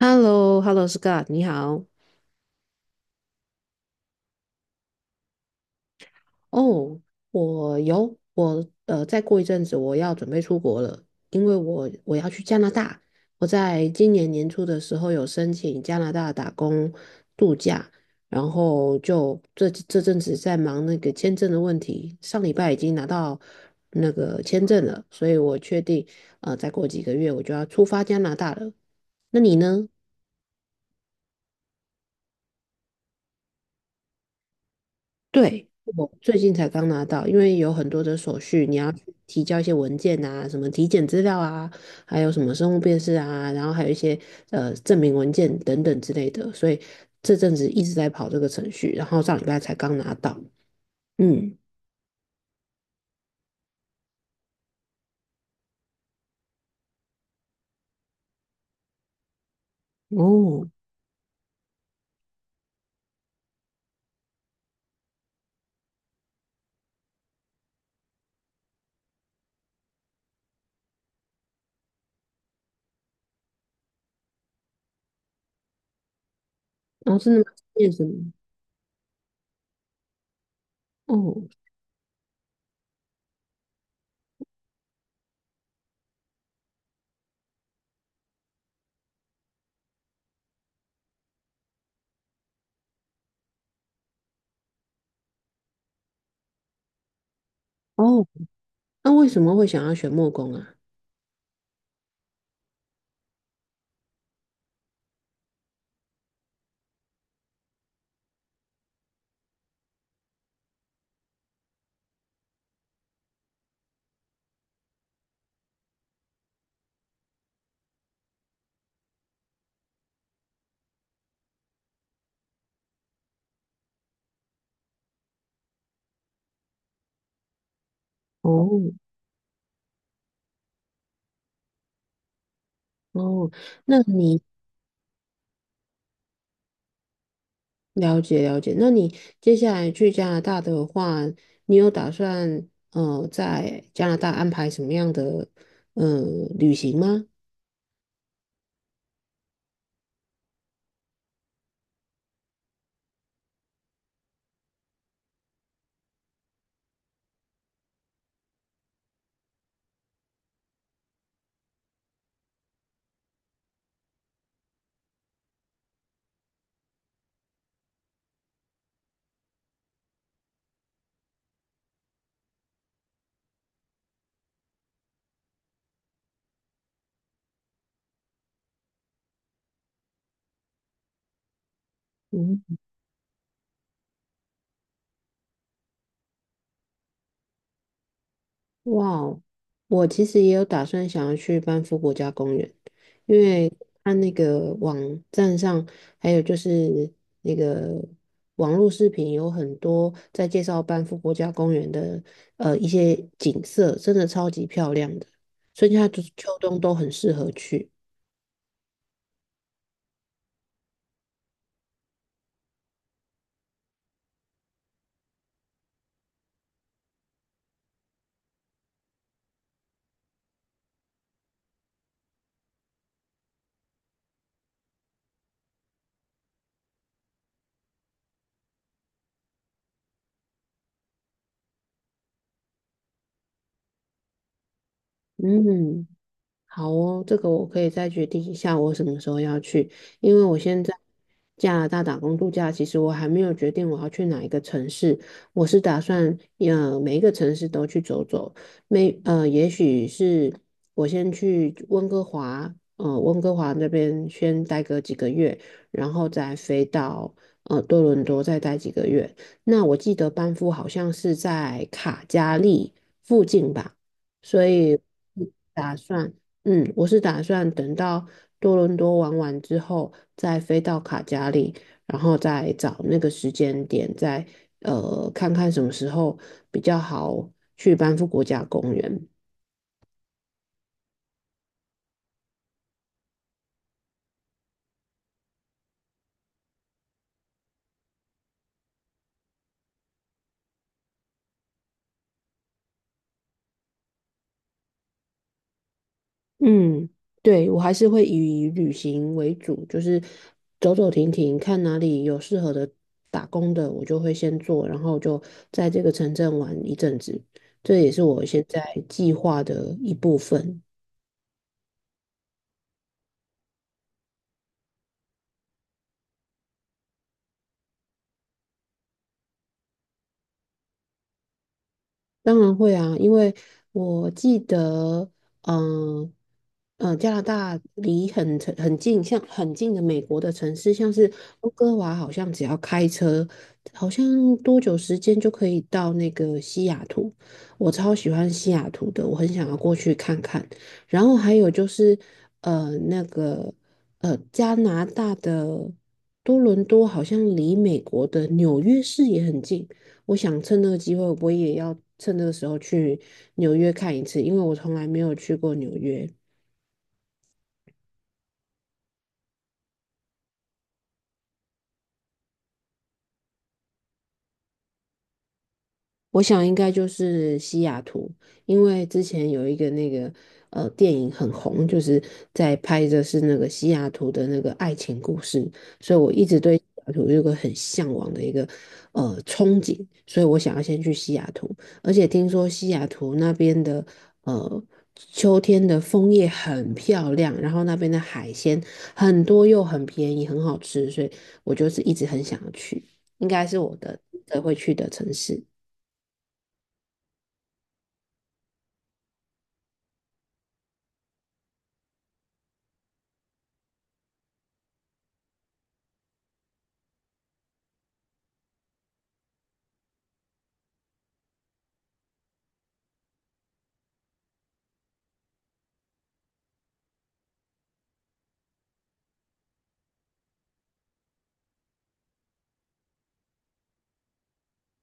h e l l o h e l l o Scott，你好。哦，我有，我再过一阵子我要准备出国了，因为我要去加拿大。我在今年年初的时候有申请加拿大打工度假，然后就这阵子在忙那个签证的问题。上礼拜已经拿到那个签证了，所以我确定再过几个月我就要出发加拿大了。那你呢？对，我最近才刚拿到，因为有很多的手续，你要去提交一些文件啊，什么体检资料啊，还有什么生物辨识啊，然后还有一些证明文件等等之类的，所以这阵子一直在跑这个程序，然后上礼拜才刚拿到。嗯，哦，然后真的吗？念什么？哦哦，那为什么会想要选木工啊？哦哦，那你了解了解，那你接下来去加拿大的话，你有打算在加拿大安排什么样的呃旅行吗？嗯，哇哦，我其实也有打算想要去班夫国家公园，因为看那个网站上，还有就是那个网络视频有很多在介绍班夫国家公园的一些景色，真的超级漂亮的，春夏秋冬都很适合去。嗯。好哦，这个我可以再决定一下我什么时候要去，因为我现在加拿大打工度假，其实我还没有决定我要去哪一个城市，我是打算每一个城市都去走走，没呃也许是我先去温哥华，呃温哥华那边先待个几个月，然后再飞到多伦多再待几个月。那我记得班夫好像是在卡加利附近吧，所以打算。嗯，我是打算等到多伦多玩完之后，再飞到卡加里，然后再找那个时间点，再看看什么时候比较好去班夫国家公园。嗯，对，我还是会以旅行为主，就是走走停停，看哪里有适合的打工的，我就会先做，然后就在这个城镇玩一阵子，这也是我现在计划的一部分。当然会啊，因为我记得，嗯、加拿大离很城很近，像很近的美国的城市，像是温哥华，好像只要开车，好像多久时间就可以到那个西雅图。我超喜欢西雅图的，我很想要过去看看。然后还有就是，呃，那个加拿大的多伦多好像离美国的纽约市也很近。我想趁这个机会，我也要趁这个时候去纽约看一次，因为我从来没有去过纽约。我想应该就是西雅图，因为之前有一个那个电影很红，就是在拍的是那个西雅图的那个爱情故事，所以我一直对西雅图有个很向往的一个憧憬，所以我想要先去西雅图，而且听说西雅图那边的呃秋天的枫叶很漂亮，然后那边的海鲜很多又很便宜，很好吃，所以我就是一直很想要去，应该是我的会去的城市。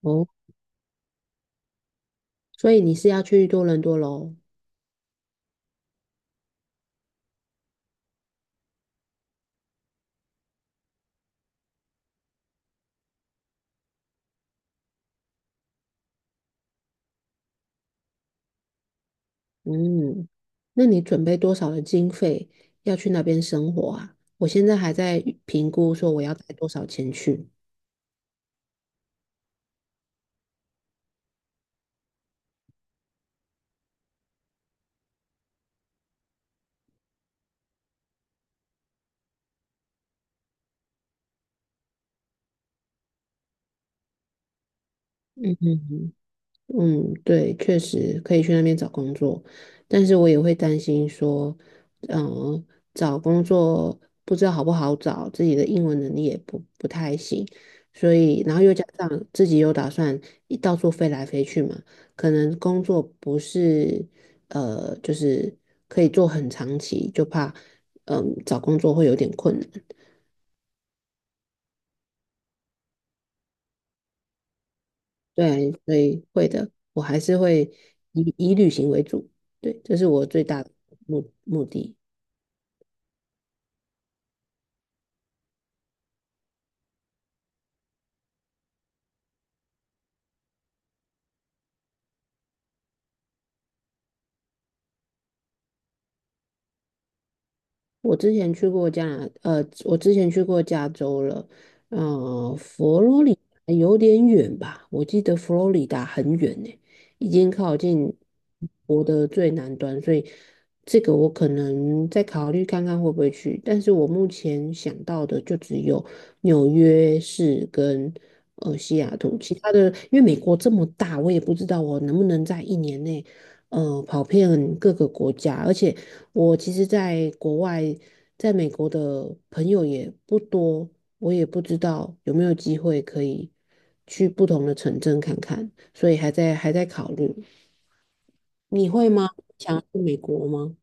哦。所以你是要去多伦多喽？嗯，那你准备多少的经费要去那边生活啊？我现在还在评估说我要带多少钱去。嗯，对，确实可以去那边找工作，但是我也会担心说，嗯，找工作不知道好不好找，自己的英文能力也不太行，所以然后又加上自己又打算一到处飞来飞去嘛，可能工作不是就是可以做很长期，就怕嗯找工作会有点困难。对，所以会的，我还是会以旅行为主。对，这是我最大的目的。我之前去过加拿，呃，我之前去过加州了，呃，佛罗里达有点远吧？我记得佛罗里达很远呢，已经靠近我的最南端，所以这个我可能再考虑看看会不会去。但是我目前想到的就只有纽约市跟西雅图，其他的因为美国这么大，我也不知道我能不能在一年内。跑遍各个国家，而且我其实在国外，在美国的朋友也不多，我也不知道有没有机会可以去不同的城镇看看，所以还在考虑。你会吗？想要去美国吗？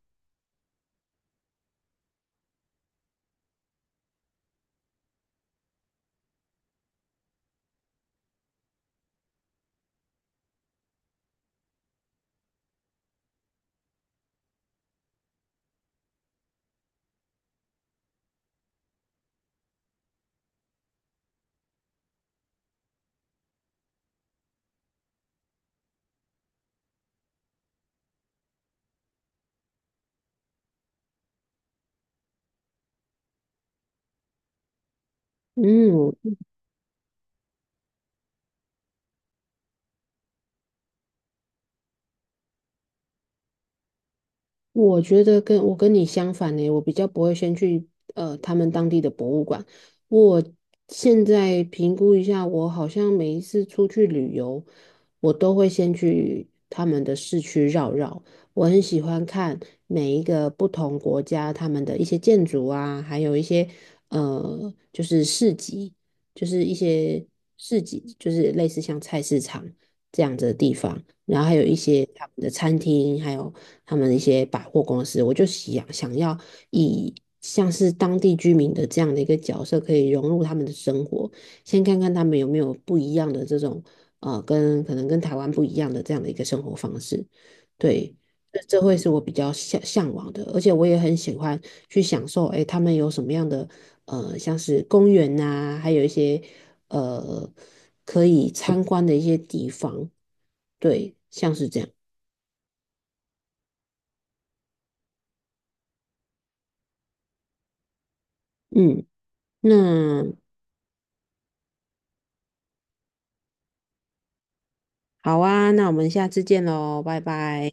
嗯，我觉得跟我跟你相反呢，我比较不会先去他们当地的博物馆。我现在评估一下，我好像每一次出去旅游，我都会先去他们的市区绕绕。我很喜欢看每一个不同国家他们的一些建筑啊，还有一些就是市集，就是一些市集，就是类似像菜市场这样子的地方。然后还有一些他们的餐厅，还有他们一些百货公司，我就想要以像是当地居民的这样的一个角色，可以融入他们的生活，先看看他们有没有不一样的这种跟可能跟台湾不一样的这样的一个生活方式，对。这会是我比较向往的，而且我也很喜欢去享受，哎，他们有什么样的像是公园呐、还有一些呃可以参观的一些地方，对，像是这样。嗯，那好啊，那我们下次见喽，拜拜。